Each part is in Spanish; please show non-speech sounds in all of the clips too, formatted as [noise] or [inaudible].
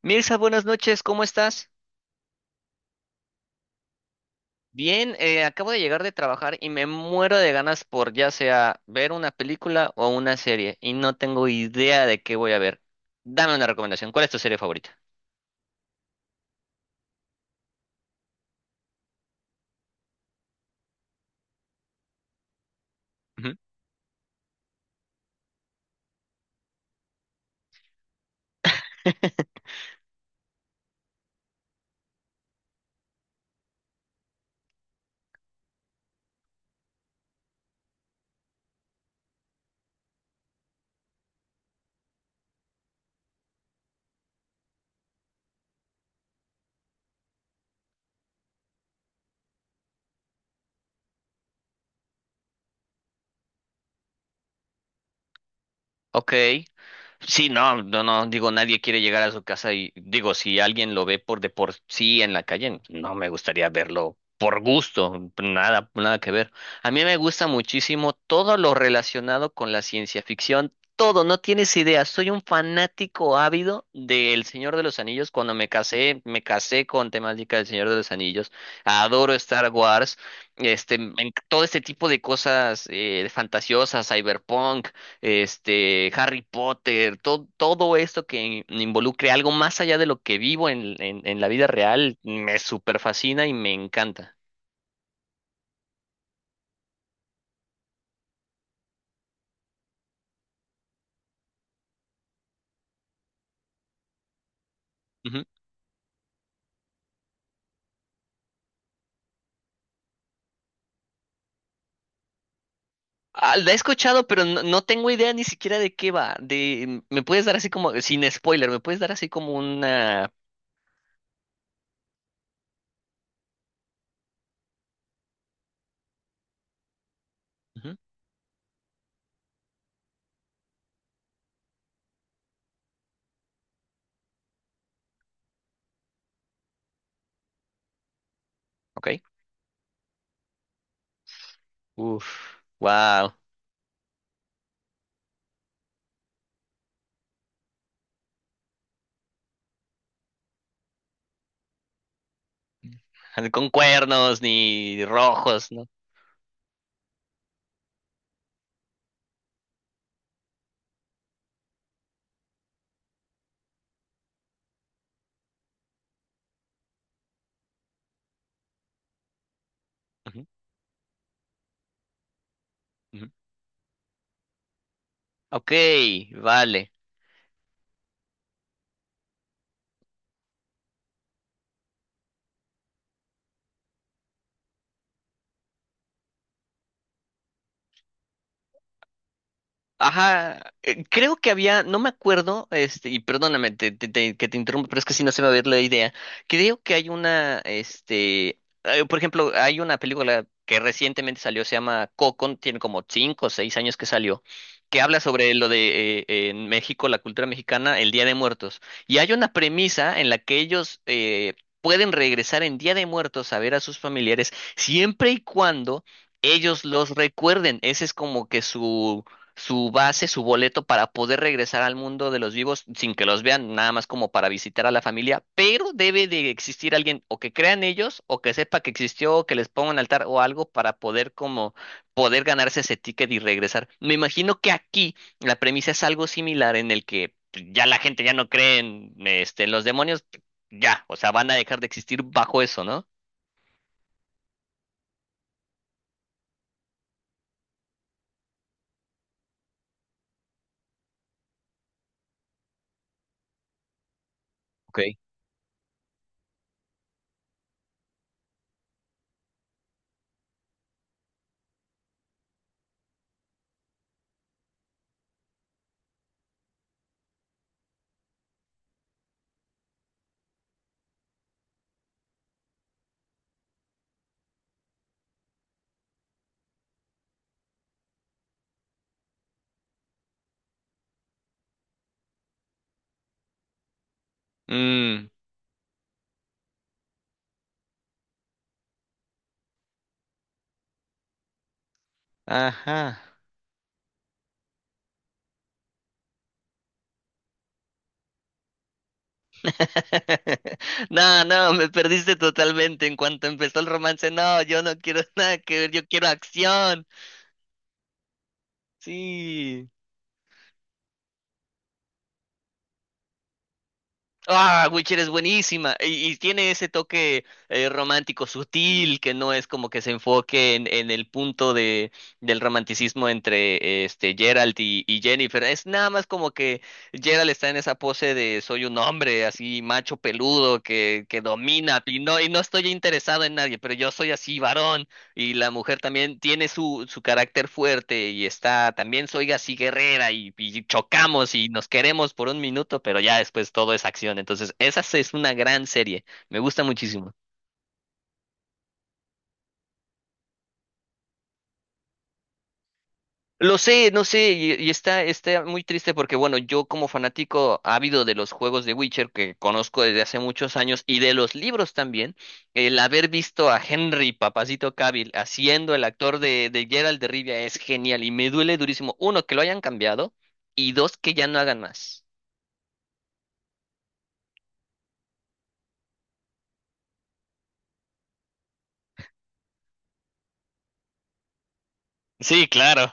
Mirza, buenas noches, ¿cómo estás? Bien, acabo de llegar de trabajar y me muero de ganas por ya sea ver una película o una serie y no tengo idea de qué voy a ver. Dame una recomendación, ¿cuál es tu serie favorita? Ujú. [laughs] Ok. Sí, no, no, no, digo, nadie quiere llegar a su casa y digo, si alguien lo ve por de por sí en la calle, no me gustaría verlo por gusto, nada, nada que ver. A mí me gusta muchísimo todo lo relacionado con la ciencia ficción, todo, no tienes idea, soy un fanático ávido del Señor de los Anillos. Cuando me casé con temática del Señor de los Anillos. Adoro Star Wars, este, todo este tipo de cosas fantasiosas, cyberpunk, este, Harry Potter, todo, todo esto que involucre algo más allá de lo que vivo en la vida real, me super fascina y me encanta. Ujú. Ah, la he escuchado, pero no, no tengo idea ni siquiera de qué va. De, mm, me puedes dar así como, sin spoiler, me puedes dar así como una. Ujú. Ok. Uf, wow. Con cuernos ni rojos, ¿no? Ujú, ujú. Ok, vale. Ajá, creo que había, no me acuerdo, este, y perdóname que te interrumpo, pero es que si no se me va a ver la idea. Creo que hay una, este, por ejemplo, hay una película que recientemente salió, se llama Coco, tiene como cinco o seis años que salió, que habla sobre lo de en México, la cultura mexicana, el Día de Muertos. Y hay una premisa en la que ellos pueden regresar en Día de Muertos a ver a sus familiares siempre y cuando ellos los recuerden. Ese es como que su base, su boleto para poder regresar al mundo de los vivos sin que los vean, nada más como para visitar a la familia, pero debe de existir alguien o que crean ellos o que sepa que existió o que les ponga un altar o algo para poder como poder ganarse ese ticket y regresar. Me imagino que aquí la premisa es algo similar en el que pues, ya la gente ya no cree en, este, en los demonios, ya, o sea, van a dejar de existir bajo eso, ¿no? Ok. Mm, ajá. [laughs] No, no, me perdiste totalmente. En cuanto empezó el romance, no, yo no quiero [laughs] nada que ver, yo quiero acción. Sí. Ah, Witcher es buenísima y tiene ese toque romántico sutil que no es como que se enfoque en el punto de, del romanticismo entre este Geralt y Jennifer. Es nada más como que Geralt está en esa pose de soy un hombre así macho peludo que domina y no estoy interesado en nadie, pero yo soy así varón. Y la mujer también tiene su, su carácter fuerte y está, también soy así guerrera y chocamos y nos queremos por un minuto, pero ya después todo es acción. Entonces, esa es una gran serie. Me gusta muchísimo. Lo sé, no sé, y está, está muy triste porque, bueno, yo como fanático ávido de los juegos de Witcher que conozco desde hace muchos años y de los libros también, el haber visto a Henry Papacito Cavill haciendo el actor de Geralt de Rivia es genial y me duele durísimo, uno, que lo hayan cambiado y dos, que ya no hagan más. Sí, claro.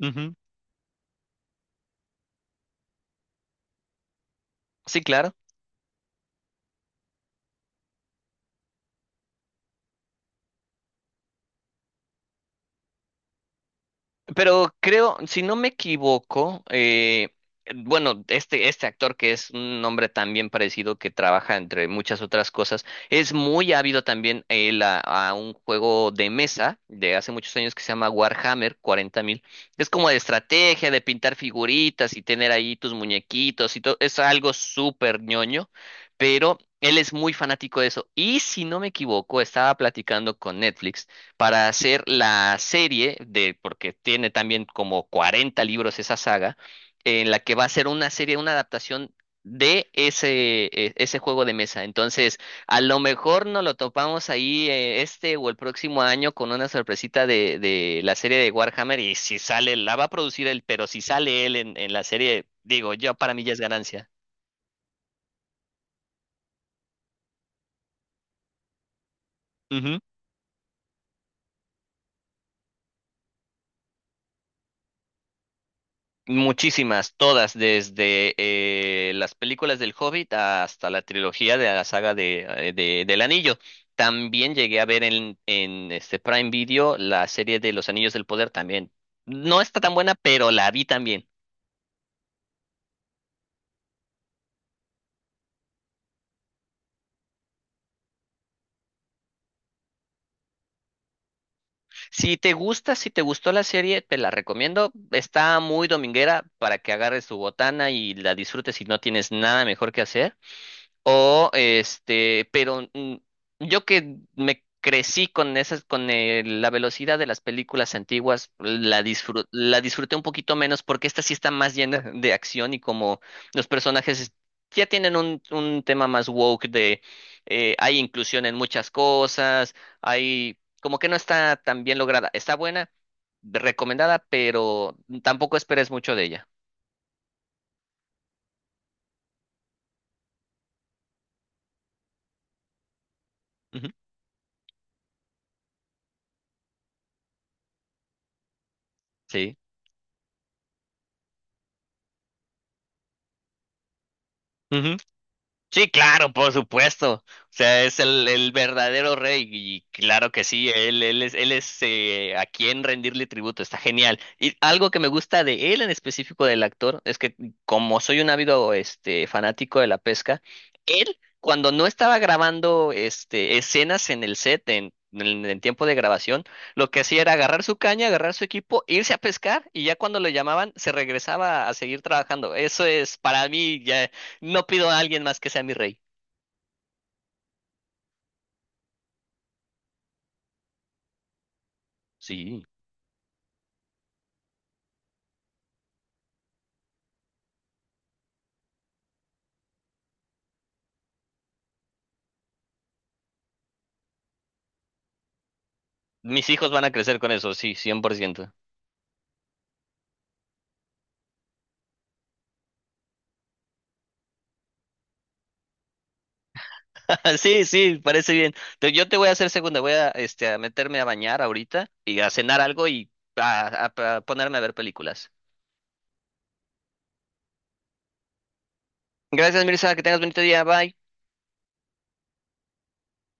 Ujú. Sí, claro. Pero creo, si no me equivoco, bueno, este actor que es un hombre también parecido que trabaja entre muchas otras cosas, es muy ávido también él a un juego de mesa de hace muchos años que se llama Warhammer 40.000. Es como de estrategia, de pintar figuritas y tener ahí tus muñequitos y todo. Es algo súper ñoño, pero él es muy fanático de eso. Y si no me equivoco, estaba platicando con Netflix para hacer la serie de, porque tiene también como 40 libros esa saga, en la que va a ser una serie, una adaptación de ese, ese juego de mesa. Entonces, a lo mejor nos lo topamos ahí este o el próximo año con una sorpresita de la serie de Warhammer y si sale, la va a producir él, pero si sale él en la serie, digo, yo para mí ya es ganancia. Muchísimas, todas, desde las películas del Hobbit hasta la trilogía de la saga de, del Anillo. También llegué a ver en este Prime Video la serie de Los Anillos del Poder también. No está tan buena, pero la vi también. Si te gusta, si te gustó la serie, te la recomiendo. Está muy dominguera para que agarres tu botana y la disfrutes si no tienes nada mejor que hacer. O este, pero mm, yo que me crecí con esas, con la velocidad de las películas antiguas, la la disfruté un poquito menos porque esta sí está más llena [laughs] de acción y como los personajes ya tienen un tema más woke de hay inclusión en muchas cosas, hay como que no está tan bien lograda. Está buena, recomendada, pero tampoco esperes mucho de ella. Ujú. Sí. Sí, claro, por supuesto. O sea, es el verdadero rey y claro que sí, él, él es a quien rendirle tributo, está genial. Y algo que me gusta de él en específico del actor es que como soy un ávido este, fanático de la pesca, él cuando no estaba grabando este, escenas en el set, en tiempo de grabación, lo que hacía era agarrar su caña, agarrar su equipo, irse a pescar y ya cuando lo llamaban se regresaba a seguir trabajando. Eso es para mí, no pido a alguien más que sea mi rey. Sí. Mis hijos van a crecer con eso, sí, 100%. [laughs] Sí, sí, parece bien. Yo te voy a hacer segunda, voy a, este, a meterme a bañar ahorita y a cenar algo y a, a ponerme a ver películas. Gracias, Mirza, que tengas bonito día, bye.